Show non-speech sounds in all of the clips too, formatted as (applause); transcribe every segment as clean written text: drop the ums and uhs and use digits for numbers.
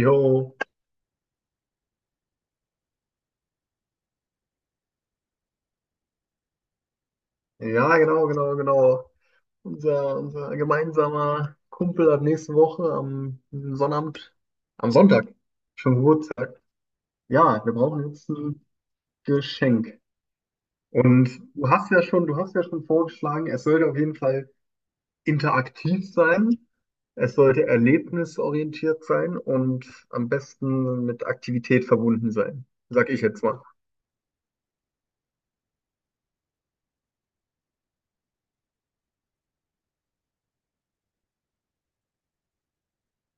Jo, ja, genau, genau, genau. Unser gemeinsamer Kumpel hat nächste Woche am Sonnabend, am Sonntag schon Geburtstag. Ja, wir brauchen jetzt ein Geschenk. Und du hast ja schon vorgeschlagen, es sollte auf jeden Fall interaktiv sein. Es sollte erlebnisorientiert sein und am besten mit Aktivität verbunden sein, sag ich jetzt mal.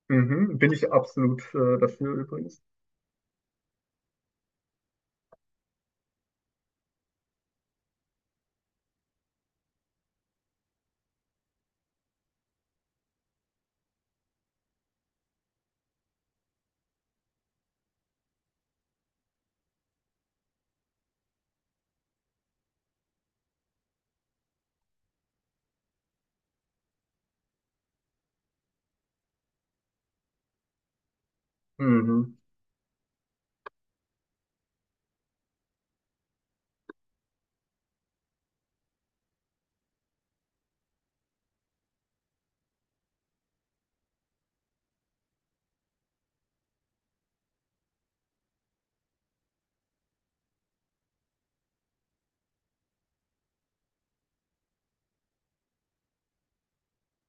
Mhm, bin ich absolut dafür übrigens. Mhm.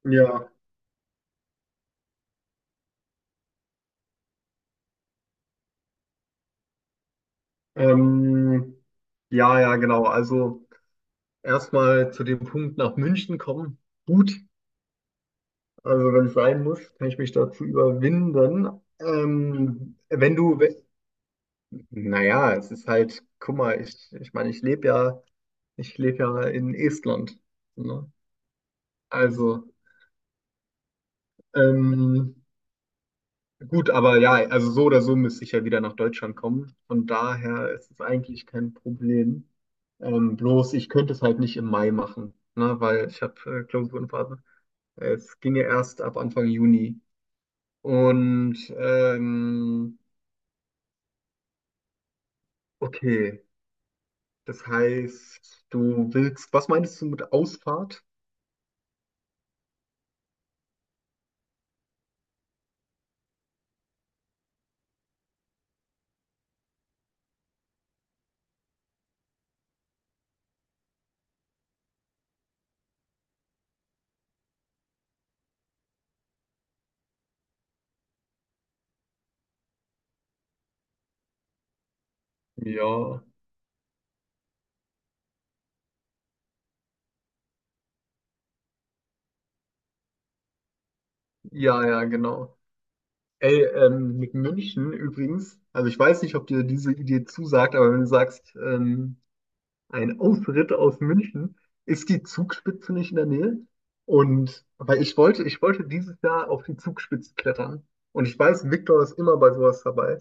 Ja. Ähm, ja, ja, genau. Also erstmal zu dem Punkt nach München kommen. Gut, also wenn es sein muss, kann ich mich dazu überwinden. Wenn du, naja, es ist halt, guck mal, ich meine, ich lebe ja in Estland. Ne? Also, ähm, gut, aber ja, also so oder so müsste ich ja wieder nach Deutschland kommen. Von daher ist es eigentlich kein Problem. Bloß ich könnte es halt nicht im Mai machen, ne, weil ich habe Klausurenphase. Es ginge erst ab Anfang Juni. Und okay, das heißt, du willst, was meinst du mit Ausfahrt? Ja, ja, ja, genau. Ey, mit München übrigens, also ich weiß nicht, ob dir diese Idee zusagt, aber wenn du sagst, ein Ausritt aus München. Ist die Zugspitze nicht in der Nähe? Und weil ich wollte dieses Jahr auf die Zugspitze klettern. Und ich weiß, Viktor ist immer bei sowas dabei,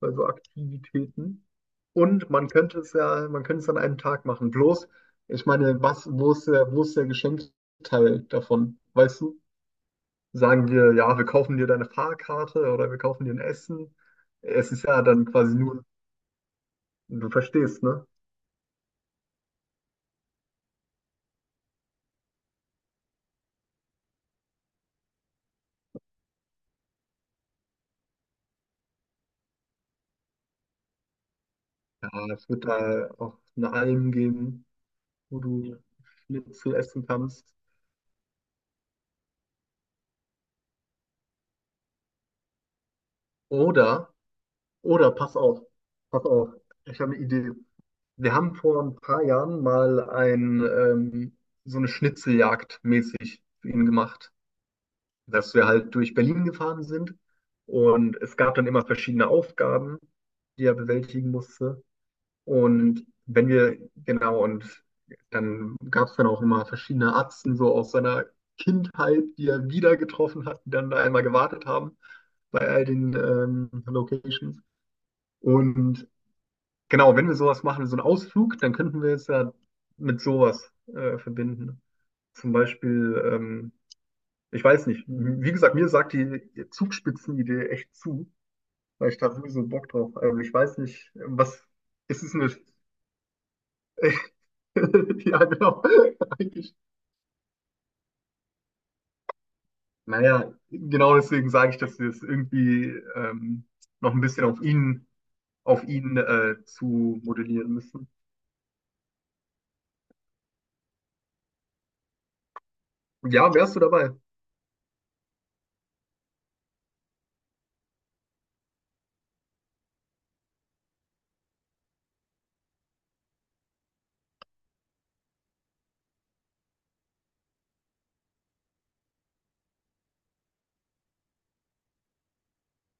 bei so Aktivitäten. Und man könnte es an einem Tag machen. Bloß, ich meine, was, wo ist der Geschenkteil davon? Weißt du? Sagen wir, ja, wir kaufen dir deine Fahrkarte oder wir kaufen dir ein Essen. Es ist ja dann quasi nur, du verstehst, ne? Ja, es wird da auch eine Alm geben, wo du Schnitzel essen kannst. Oder, pass auf, ich habe eine Idee. Wir haben vor ein paar Jahren mal ein, so eine Schnitzeljagd mäßig für ihn gemacht, dass wir halt durch Berlin gefahren sind und es gab dann immer verschiedene Aufgaben, die er bewältigen musste. Und wenn wir, genau, und dann gab es dann auch immer verschiedene Atzen so aus seiner Kindheit, die er wieder getroffen hat, die dann da einmal gewartet haben bei all den Locations. Und genau, wenn wir sowas machen, so einen Ausflug, dann könnten wir es ja mit sowas verbinden. Zum Beispiel, ich weiß nicht, wie gesagt, mir sagt die Zugspitzenidee echt zu, weil ich da sowieso Bock drauf. Also ich weiß nicht, was, ist es eine (laughs) (laughs) ja, genau. (laughs) Eigentlich. Naja, genau deswegen sage ich, dass wir es irgendwie ähm, noch ein bisschen auf ihn zu modellieren müssen. Ja, wärst du dabei?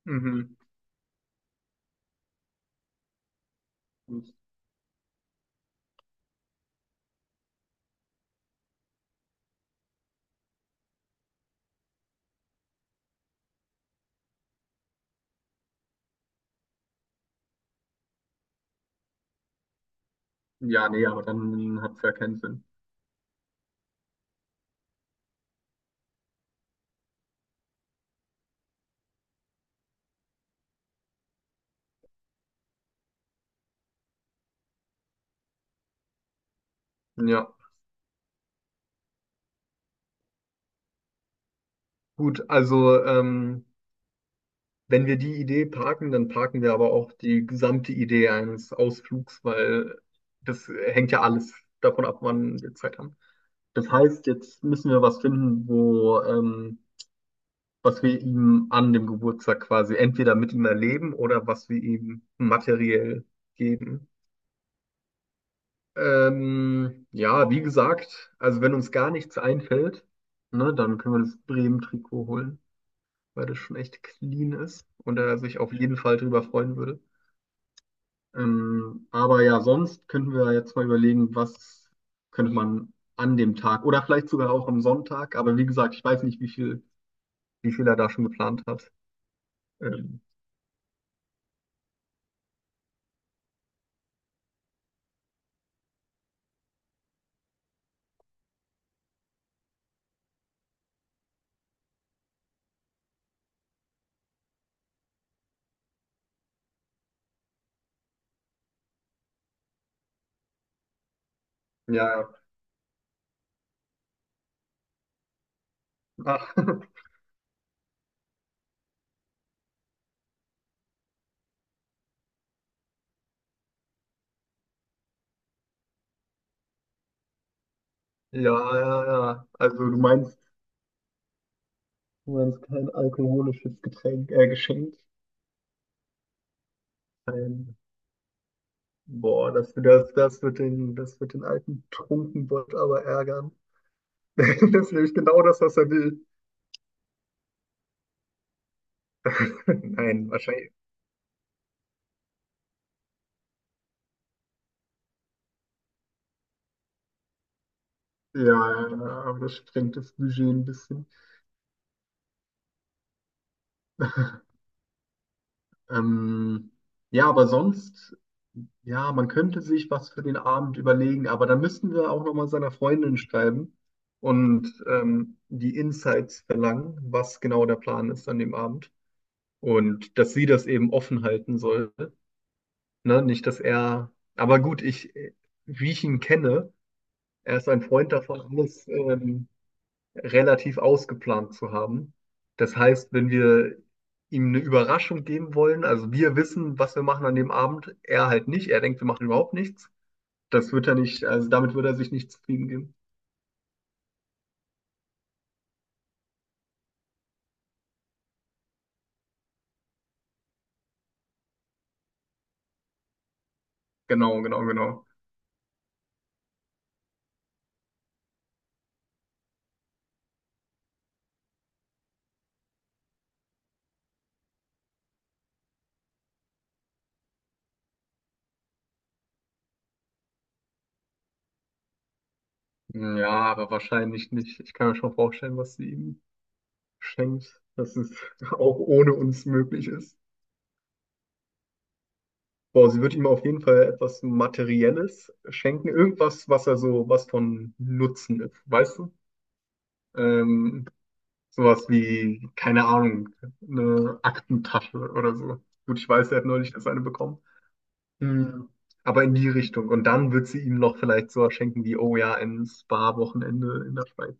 Mhm. Ja, nee, aber dann hat es ja keinen Sinn. Ja, gut, also wenn wir die Idee parken, dann parken wir aber auch die gesamte Idee eines Ausflugs, weil das hängt ja alles davon ab, wann wir Zeit haben. Das heißt, jetzt müssen wir was finden, wo was wir ihm an dem Geburtstag quasi entweder mit ihm erleben oder was wir ihm materiell geben. Ja, wie gesagt, also wenn uns gar nichts einfällt, ne, dann können wir das Bremen-Trikot holen, weil das schon echt clean ist und er sich auf jeden Fall drüber freuen würde. Aber ja, sonst könnten wir jetzt mal überlegen, was könnte man an dem Tag oder vielleicht sogar auch am Sonntag, aber wie gesagt, ich weiß nicht, wie viel er da schon geplant hat. Ähm, ja, ja. Ach, (laughs) ja, ja, ja. Also du meinst kein alkoholisches Getränk, Geschenk. Ein, boah, das wird den, das wird den alten Trunkenbold aber ärgern. (laughs) Das ist nämlich genau das, was er will. (laughs) Nein, wahrscheinlich. Ja, ja, ja, aber das sprengt das Budget ein bisschen. Ähm, ja, aber sonst, ja, man könnte sich was für den Abend überlegen, aber dann müssten wir auch nochmal seiner Freundin schreiben und die Insights verlangen, was genau der Plan ist an dem Abend. Und dass sie das eben offen halten soll. Ne? Nicht, dass er. Aber gut, ich, wie ich ihn kenne, er ist ein Freund davon, alles relativ ausgeplant zu haben. Das heißt, wenn wir ihm eine Überraschung geben wollen, also wir wissen, was wir machen an dem Abend, er halt nicht. Er denkt, wir machen überhaupt nichts. Das wird er nicht, also damit wird er sich nicht zufrieden geben. Genau, genau, genau. Ja, aber wahrscheinlich nicht. Ich kann mir schon vorstellen, was sie ihm schenkt, dass es (laughs) auch ohne uns möglich ist. Boah, sie wird ihm auf jeden Fall etwas Materielles schenken, irgendwas, was er so, was von Nutzen ist, weißt du? Ähm, sowas wie, keine Ahnung, eine Aktentasche oder so. Gut, ich weiß, er hat neulich erst eine bekommen. Hm, aber in die Richtung. Und dann wird sie ihm noch vielleicht sowas schenken wie, oh ja, ein Spa-Wochenende in der Schweiz.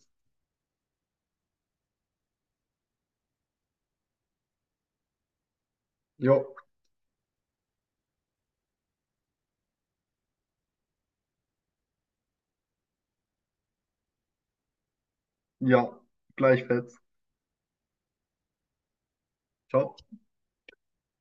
Jo, ja, gleichfalls. Ciao.